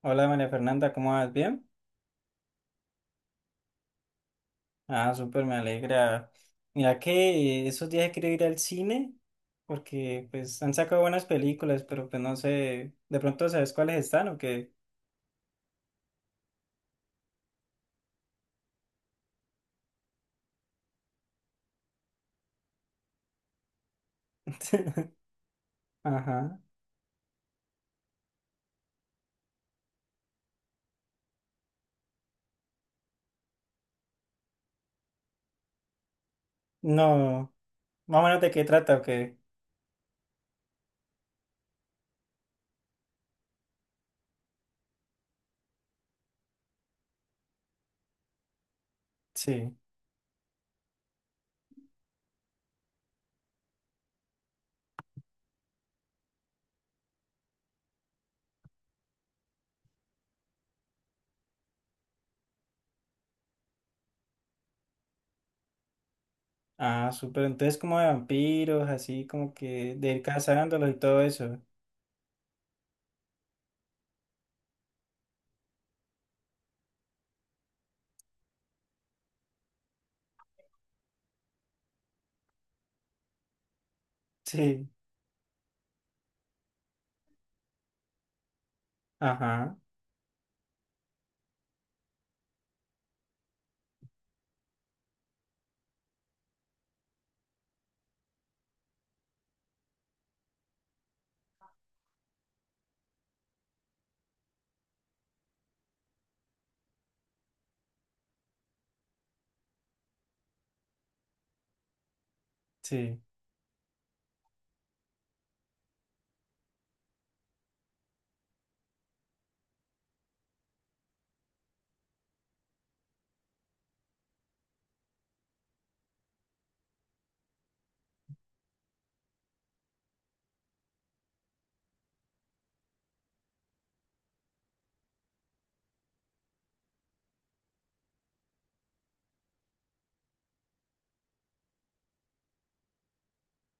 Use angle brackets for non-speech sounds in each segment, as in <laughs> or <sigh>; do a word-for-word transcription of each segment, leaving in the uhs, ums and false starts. Hola María Fernanda, ¿cómo vas? ¿Bien? Ah, súper, me alegra. Mira que eh, esos días quiero ir al cine porque pues han sacado buenas películas, pero pues no sé, de pronto sabes cuáles están o qué. <laughs> Ajá. No, más o menos de qué trata o qué. Sí. Ah, súper, entonces como de vampiros, así como que de ir cazándolos y todo eso. Sí. Ajá, sí.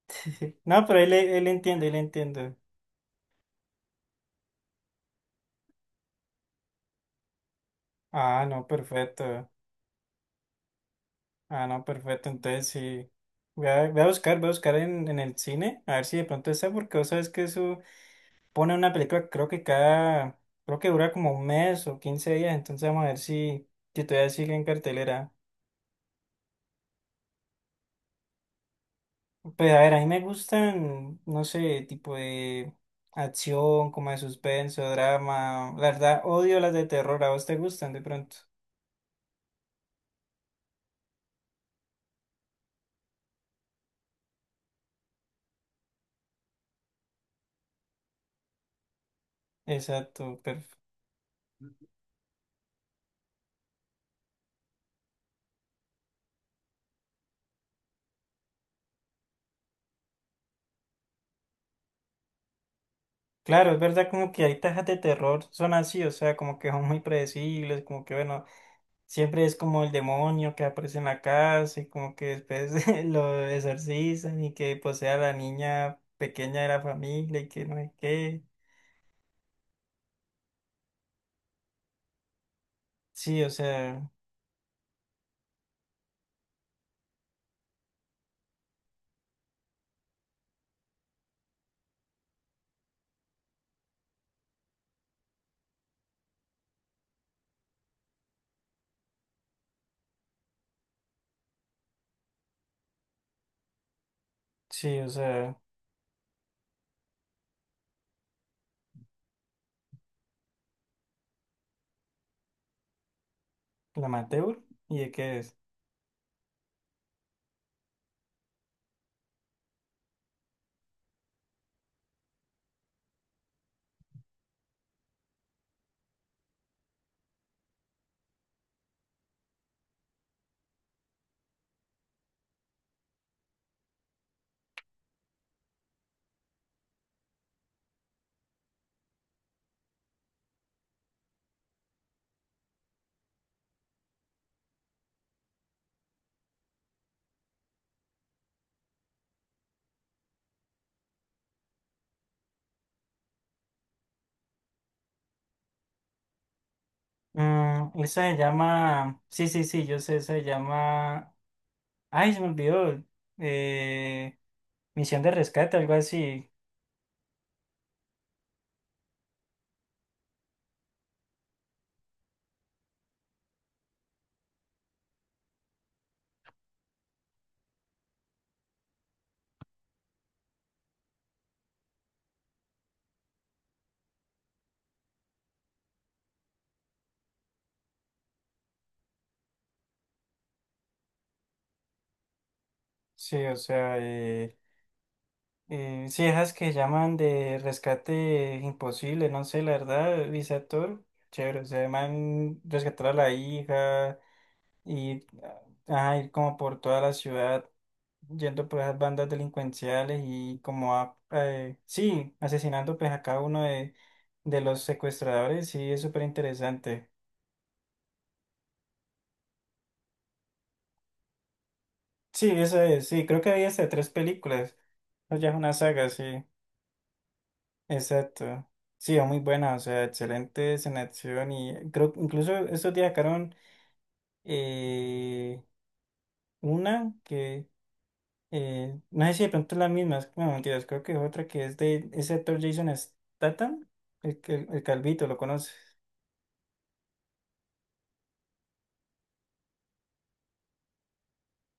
<laughs> No, pero él, él entiende, él entiende. Ah, no, perfecto. Ah, no, perfecto. Entonces sí. Voy a, voy a buscar, voy a buscar en, en el cine, a ver si de pronto está, porque vos sabes que eso pone una película, creo que cada, creo que dura como un mes o quince días, entonces vamos a ver si, si todavía sigue en cartelera. Pues a ver, a mí me gustan, no sé, tipo de acción, como de suspenso, drama. La verdad, odio las de terror, ¿a vos te gustan de pronto? Exacto, perfecto. Claro, es verdad como que hay tajas de terror, son así, o sea, como que son muy predecibles, como que bueno. Siempre es como el demonio que aparece en la casa y como que después <laughs> lo exorcizan y que posee a la niña pequeña de la familia y que no sé qué. Sí, o sea, sí, o sea, la Amateur, ¿y de qué es? Mm, esa se llama, sí, sí, sí, yo sé, esa se llama, ay, se me olvidó, eh, Misión de Rescate, algo así. Sí, o sea, eh, Eh, sí, esas que llaman de rescate imposible, no sé, la verdad, ese actor, chévere, o sea, el man rescatar a la hija y ah, ir como por toda la ciudad, yendo por esas bandas delincuenciales y como a, eh, sí, asesinando pues a cada uno de, de los secuestradores, sí, es súper interesante. Sí, esa es, sí, creo que había hasta tres películas, o ya es una saga, sí. Exacto. Sí, es muy buena, o sea, excelentes en acción y creo que incluso estos días sacaron eh, una que eh, no sé si de pronto es la misma, es- no mentiras, creo que es otra que es de ese actor Jason Statham, el, que- el calvito, lo conoces,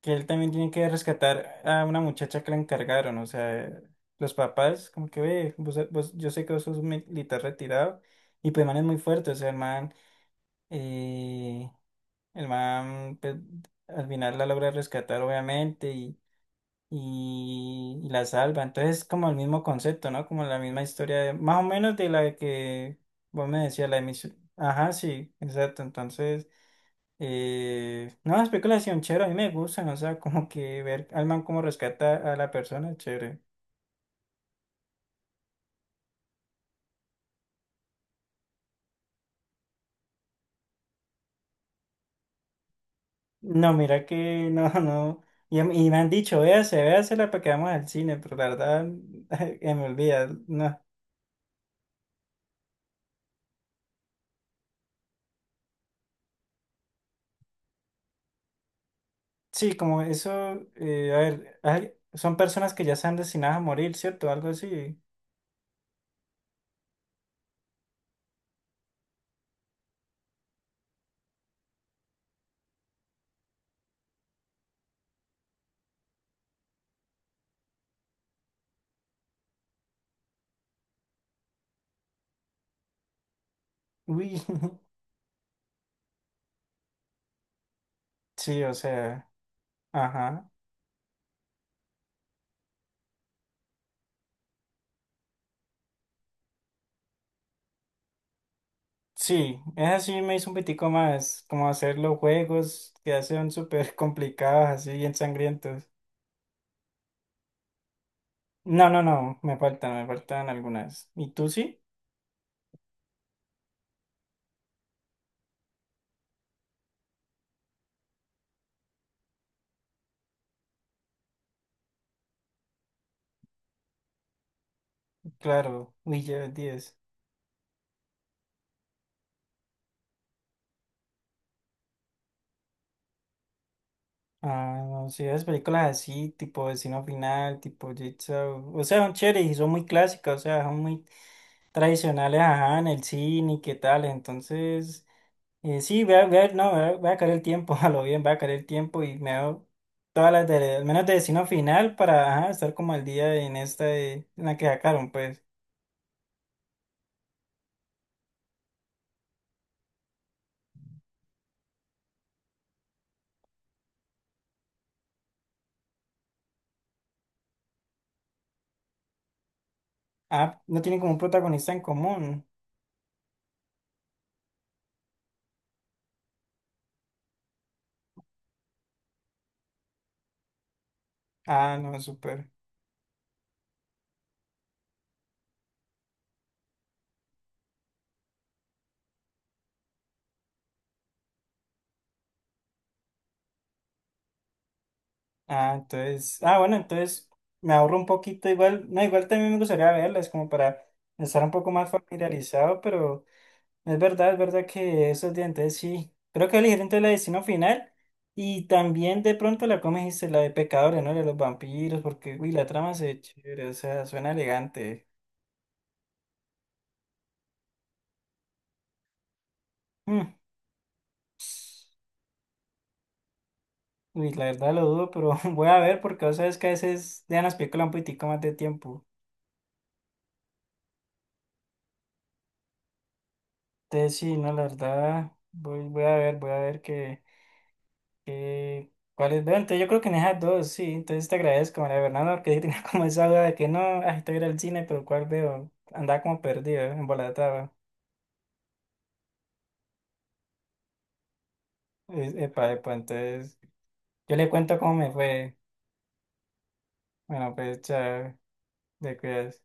que él también tiene que rescatar a una muchacha que la encargaron, o sea, los papás como que ve, vos- vos- yo sé que vos sos un militar retirado y pues el man es muy fuerte, o sea, el man... eh, El man, pues, al final la logra rescatar, obviamente, y, y, y la salva. Entonces, es como el mismo concepto, ¿no? Como la misma historia, de- más o menos de la que vos me decías, la emisión. Ajá, sí, exacto. Entonces, eh, no, las películas son chéveres, a mí me gustan, o sea, como que ver al man cómo rescata a la persona, es chévere. No, mira que <laughs> no, no. Y, y me han dicho, véase, véasela para que vamos al cine, pero la verdad, <laughs> me olvida, no. Sí, como eso, eh, a ver, hay- son personas que ya están destinadas a morir, ¿cierto? Algo así. Uy, <laughs> sí, o sea, ajá. Sí, eso sí me hizo un pitico más, como hacer los juegos que ya son súper <laughs> complicados, así bien sangrientos. No, no, no, me faltan, me faltan, algunas. ¿Y tú sí? Claro, uy, ya diez. Ah, no sé, las películas así, tipo Destino Final, tipo Jigsaw, o sea, son chéveres y son muy clásicas, o sea, son muy tradicionales, ajá, en el cine y qué tal, entonces, eh, sí, voy a, voy a- no, voy a, voy a caer el tiempo, <laughs> a lo bien, voy a caer el tiempo y me veo todas las de, al menos de Destino Final para, ajá, estar como al día en esta de, en la que sacaron, pues, ah, no tienen como un protagonista en común. Ah, no, súper. Ah, entonces, ah, bueno, entonces me ahorro un poquito, igual, no, igual también me gustaría verlas, como para estar un poco más familiarizado, pero es verdad, es verdad que esos dientes sí, creo que elegir entre la de Destino Final y también de pronto la, como dijiste, la de Pecadores, ¿no? La de los vampiros, porque, uy, la trama se ve chévere, o sea, suena elegante. Mm. Uy, la verdad lo dudo, pero <laughs> voy a ver porque vos sabes que a veces dejan las películas un poquitico más de tiempo. Entonces sí, no, la verdad, voy, voy a ver, voy a ver qué. Eh, ¿cuáles veo? Entonces yo creo que en esas dos, sí. Entonces te agradezco, María Fernanda, porque yo tenía <laughs> como esa duda de que no, ah, estoy ir al cine, pero ¿cuál veo? Andaba como perdido, embolatado. Es Epa, epa, entonces yo le cuento cómo me fue. Bueno, pues chao, te cuidas.